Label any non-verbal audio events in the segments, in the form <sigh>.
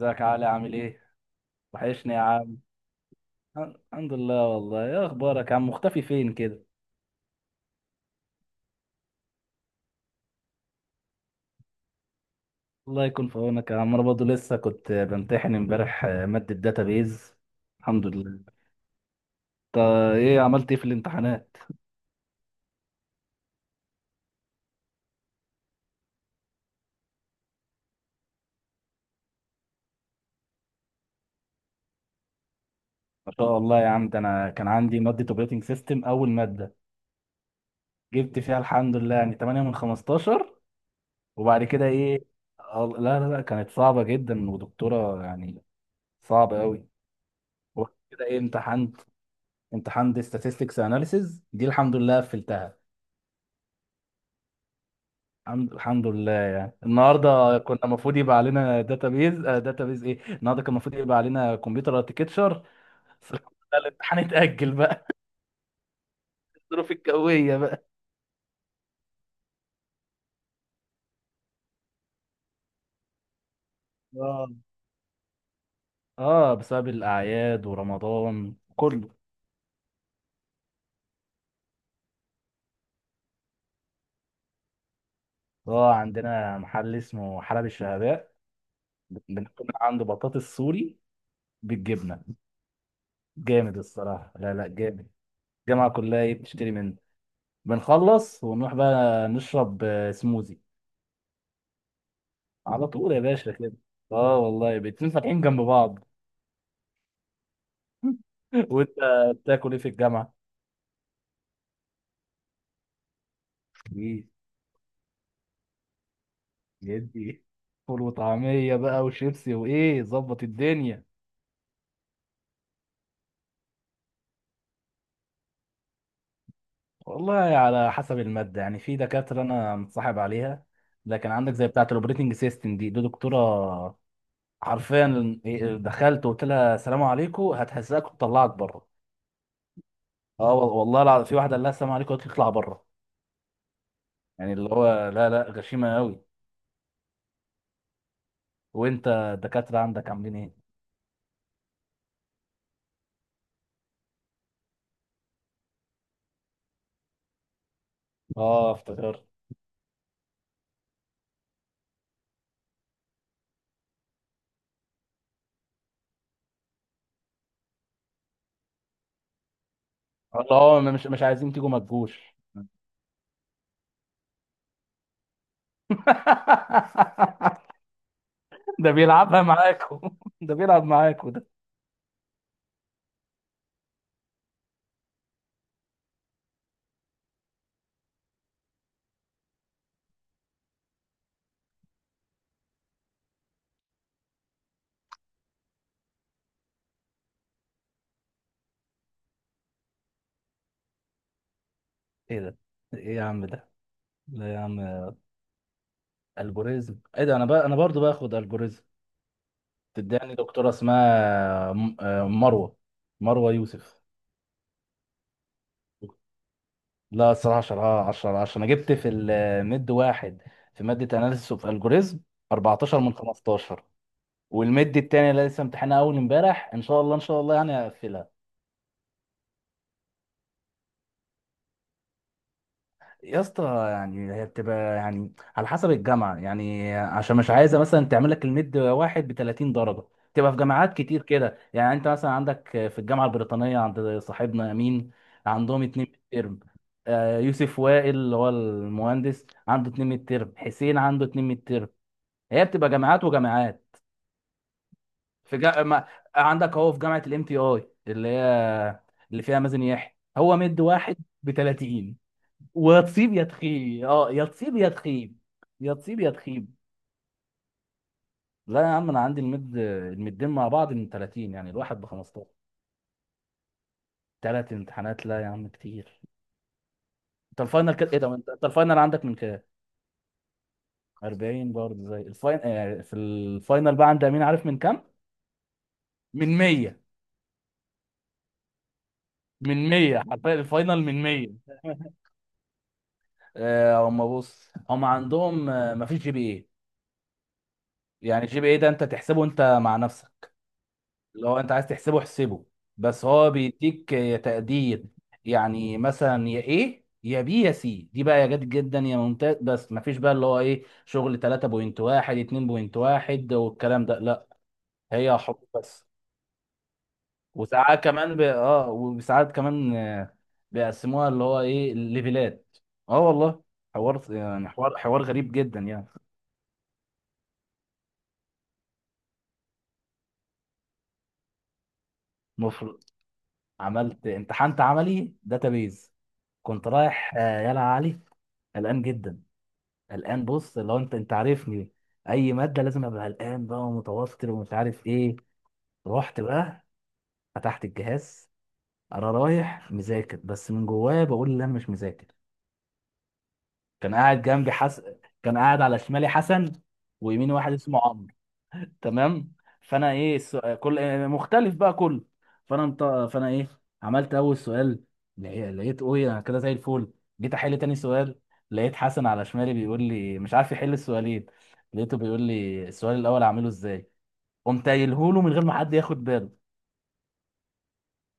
ازيك يا علي عامل ايه؟ وحشني يا عم. الحمد لله. والله ايه اخبارك يا عم، مختفي فين كده؟ الله يكون في عونك يا عم، انا برضه لسه كنت بمتحن امبارح، مادة داتابيز. الحمد لله. طب، ايه عملت ايه في الامتحانات؟ ما شاء الله يا عم، ده انا كان عندي مادة اوبريتنج سيستم اول مادة، جبت فيها الحمد لله يعني 8 من 15. وبعد كده ايه؟ لا لا لا كانت صعبة جدا ودكتورة يعني صعبة قوي. وبعد كده ايه امتحنت، امتحان دي statistics analysis، دي الحمد لله قفلتها. الحمد لله. يعني النهارده كنا المفروض يبقى علينا داتابيز. داتابيز ايه، النهارده كان المفروض يبقى علينا كمبيوتر اركتشر. بس الحمد لله الامتحان اتأجل بقى. <laughs> الظروف الجوية بقى. اه. اه، بسبب الأعياد ورمضان كله. اه، عندنا محل اسمه حلب الشهباء. بناكل عنده بطاطس سوري بالجبنة. جامد الصراحة، لا لا جامد. الجامعة كلها ايه بتشتري منه. بنخلص ونروح بقى نشرب سموزي على طول يا باشا كده. اه والله الاتنين فاتحين جنب بعض. <laughs> وانت بتاكل ايه في الجامعه؟ ايه؟ يدي فول وطعميه بقى وشيبسي وايه ظبط الدنيا. والله على حسب الماده، يعني في دكاتره انا متصاحب عليها، لكن عندك زي بتاعه الاوبريتنج سيستم دي دكتوره حرفيا، دخلت وقلت لها السلام عليكم هتهزقك وتطلعك بره. اه، والله العظيم في واحده قال لها السلام عليكم قالت لي اطلع بره. يعني اللي هو لا لا غشيمه قوي. وانت الدكاتره عندك عاملين ايه؟ اه افتكرت. الله، مش عايزين تيجوا ما تجوش. <laughs> ده بيلعبها معاكم. <laughs> ده بيلعب معاكم ده. ايه ده؟ ايه يا عم ده! لا يا عم. الجوريزم ايه ده، انا بقى انا برضو باخد الجوريزم. تداني دكتوره اسمها مروه، مروه يوسف. لا الصراحه 10 10 10، انا جبت في المد واحد في ماده اناليسيس اوف الجوريزم 14 من 15. والمد التاني اللي لسه امتحانها اول امبارح ان شاء الله ان شاء الله يعني هقفلها. يا اسطى، يعني هي بتبقى يعني على حسب الجامعه يعني، عشان مش عايزه مثلا تعمل لك الميد واحد ب 30 درجه. تبقى في جامعات كتير كده، يعني انت مثلا عندك في الجامعه البريطانيه عند صاحبنا امين عندهم اتنين ميد ترم. يوسف وائل اللي هو المهندس عنده اتنين ميد ترم، حسين عنده اتنين ميد ترم. هي بتبقى جامعات وجامعات. في جا... ما... عندك اهو في جامعه الام تي اي اللي هي اللي فيها مازن يحيى هو ميد واحد ب 30. وتصيب يا تخيب اه يا تصيب يا تخيب، يا تصيب يا تخيب. لا يا عم، انا عندي المدين مع بعض من 30، يعني الواحد ب 15. ثلاث امتحانات، لا يا عم كتير. انت الفاينل كده ايه ده، أنت الفاينل عندك من كام؟ 40 برضه، زي الفاين آه في الفاينل بقى عند امين، عارف من كام؟ من 100. من 100 حرفيا، الفاينل من 100. آه، هم بص هم عندهم، مفيش جي بي اي. يعني الجي بي اي ده انت تحسبه انت مع نفسك. لو انت عايز تحسبه احسبه، بس هو بيديك يا تقدير. يعني مثلا يا ايه، يا بي، يا سي، دي بقى، يا جد جدا يا ممتاز، بس مفيش بقى اللي هو ايه شغل 3.1 2.1 والكلام ده، لا. هي حب بس. وساعات كمان بيقسموها اللي هو ايه ليفلات. اه والله، حوار يعني حوار غريب جدا يعني. المفروض، امتحنت عملي داتابيز. كنت رايح، يلا يا علي، قلقان جدا. قلقان، بص لو انت عارفني، اي ماده لازم ابقى قلقان بقى ومتوتر ومش عارف ايه. رحت بقى فتحت الجهاز، انا رايح مذاكر بس من جوايا بقول ان انا مش مذاكر. كان قاعد جنبي حس... كان قاعد على شمالي حسن، ويميني واحد اسمه عمرو. تمام. فانا ايه السؤال كل مختلف بقى كله. فانا مط... فانا ايه، عملت اول سؤال، لقيت اوي انا كده زي الفل. جيت احل تاني سؤال، لقيت حسن على شمالي بيقول لي مش عارف يحل السؤالين، لقيته بيقول لي السؤال الاول اعمله ازاي. قمت قايله له من غير ما حد ياخد باله.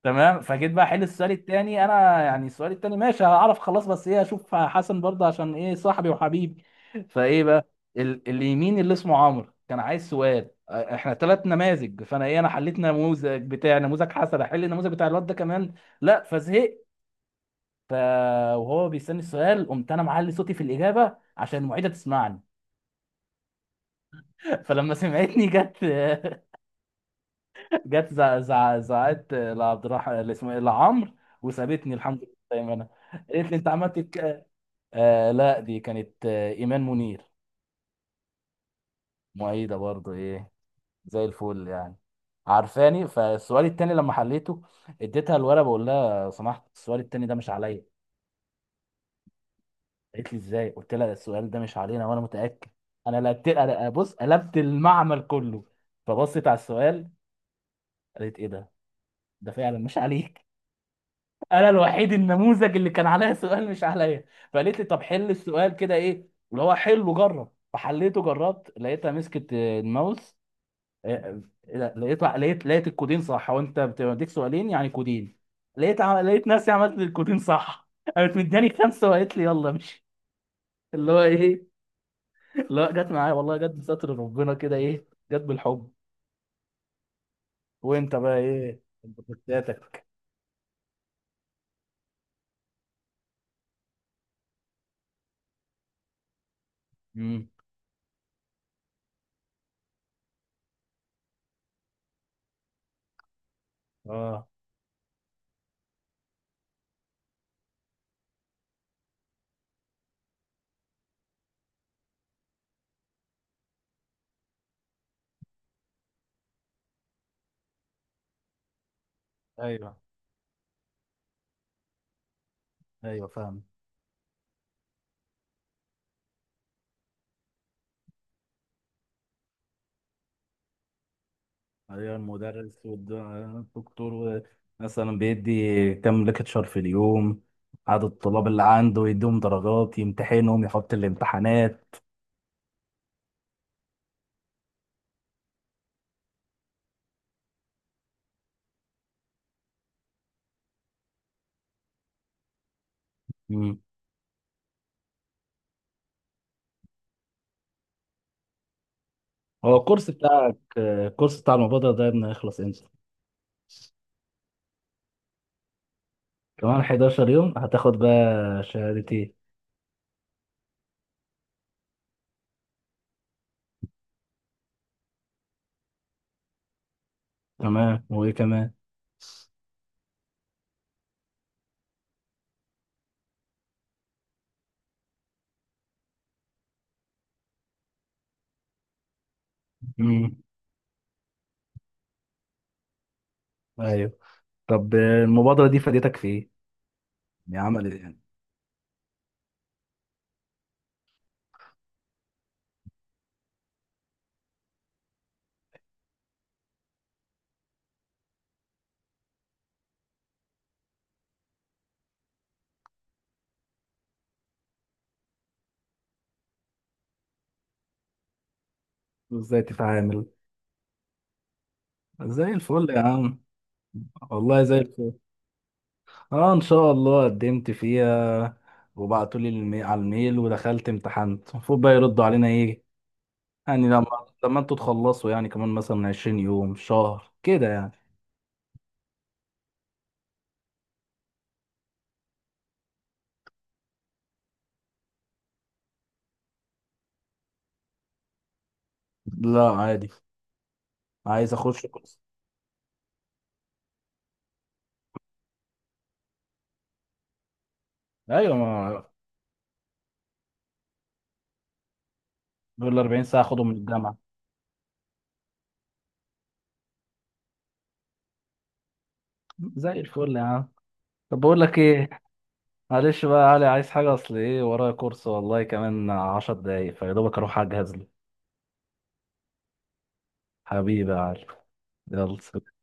تمام، فجيت بقى احل السؤال التاني انا، يعني السؤال التاني ماشي هعرف خلاص، بس ايه اشوف حسن برضه عشان ايه صاحبي وحبيبي. فايه بقى، اليمين اللي اسمه عمرو كان عايز سؤال، احنا ثلاث نماذج، فانا ايه، انا حليت نموذج بتاع نموذج حسن، احل النموذج بتاع الواد ده كمان، لا فزهقت. ف وهو بيستني السؤال قمت انا معلي صوتي في الاجابه عشان المعيده تسمعني. <laughs> فلما سمعتني جت. <laughs> جت زعقت لعبد الرحمن اللي اسمه ايه، لعمرو، وسابتني الحمد لله زي ما انا. قالت لي انت عملت الك... لا دي كانت ايمان منير، معيده برضو ايه، زي الفل يعني، عارفاني. فالسؤال التاني لما حليته اديتها الورقه بقول لها لو سمحت السؤال التاني ده مش عليا. قالت لي ازاي، قلت لها السؤال ده مش علينا وانا متاكد، انا لقيت، بص قلبت المعمل كله. فبصت على السؤال قالت ايه ده، ده فعلا مش عليك. انا الوحيد النموذج اللي كان عليا سؤال مش عليا. فقالت لي طب حل السؤال كده ايه اللي هو، حل وجرب، فحليته جربت لقيتها مسكت الماوس. آه، لقيت الكودين صح، هو انت بتديك سؤالين يعني كودين. لقيت نفسي عملت الكودين صح. <laughs> قامت مداني خمسه وقالت لي يلا، مش اللي هو ايه، اللي هو جت معايا والله، جت بستر ربنا كده ايه، جت بالحب. وانت بقى ايه، انت كنتاتك؟ امم. اه، ايوه ايوه فاهم. ايوه، المدرس والدكتور مثلا بيدي كام ليكتشر في اليوم، عدد الطلاب اللي عنده، يديهم درجات، يمتحنهم، يحط الامتحانات. مم. هو الكورس بتاعك، الكورس بتاع المبادرة ده ابني هيخلص امتى؟ كمان 11 يوم هتاخد بقى شهادتين. تمام، وايه كمان؟ مم. ايوه. طب المبادرة دي فادتك في ايه؟ يعني عمل إيه يعني؟ ازاي تتعامل؟ زي الفل يا عم. والله زي الفل. اه ان شاء الله قدمت فيها، وبعتوا لي على الميل، ودخلت امتحنت، المفروض بقى يردوا علينا ايه يعني، لما انتوا تخلصوا يعني، كمان مثلا 20 يوم، شهر كده يعني. لا عادي، عايز اخش كورس. ايوه، ما دول 40 ساعه اخدهم من الجامعه. زي الفل يا عم. طب بقول لك ايه، معلش بقى يا علي، عايز حاجه؟ اصل ايه، ورايا كورس والله، كمان 10 دقايق فيا دوبك اروح اجهز له. حبيبي يا علي. يلا سلام.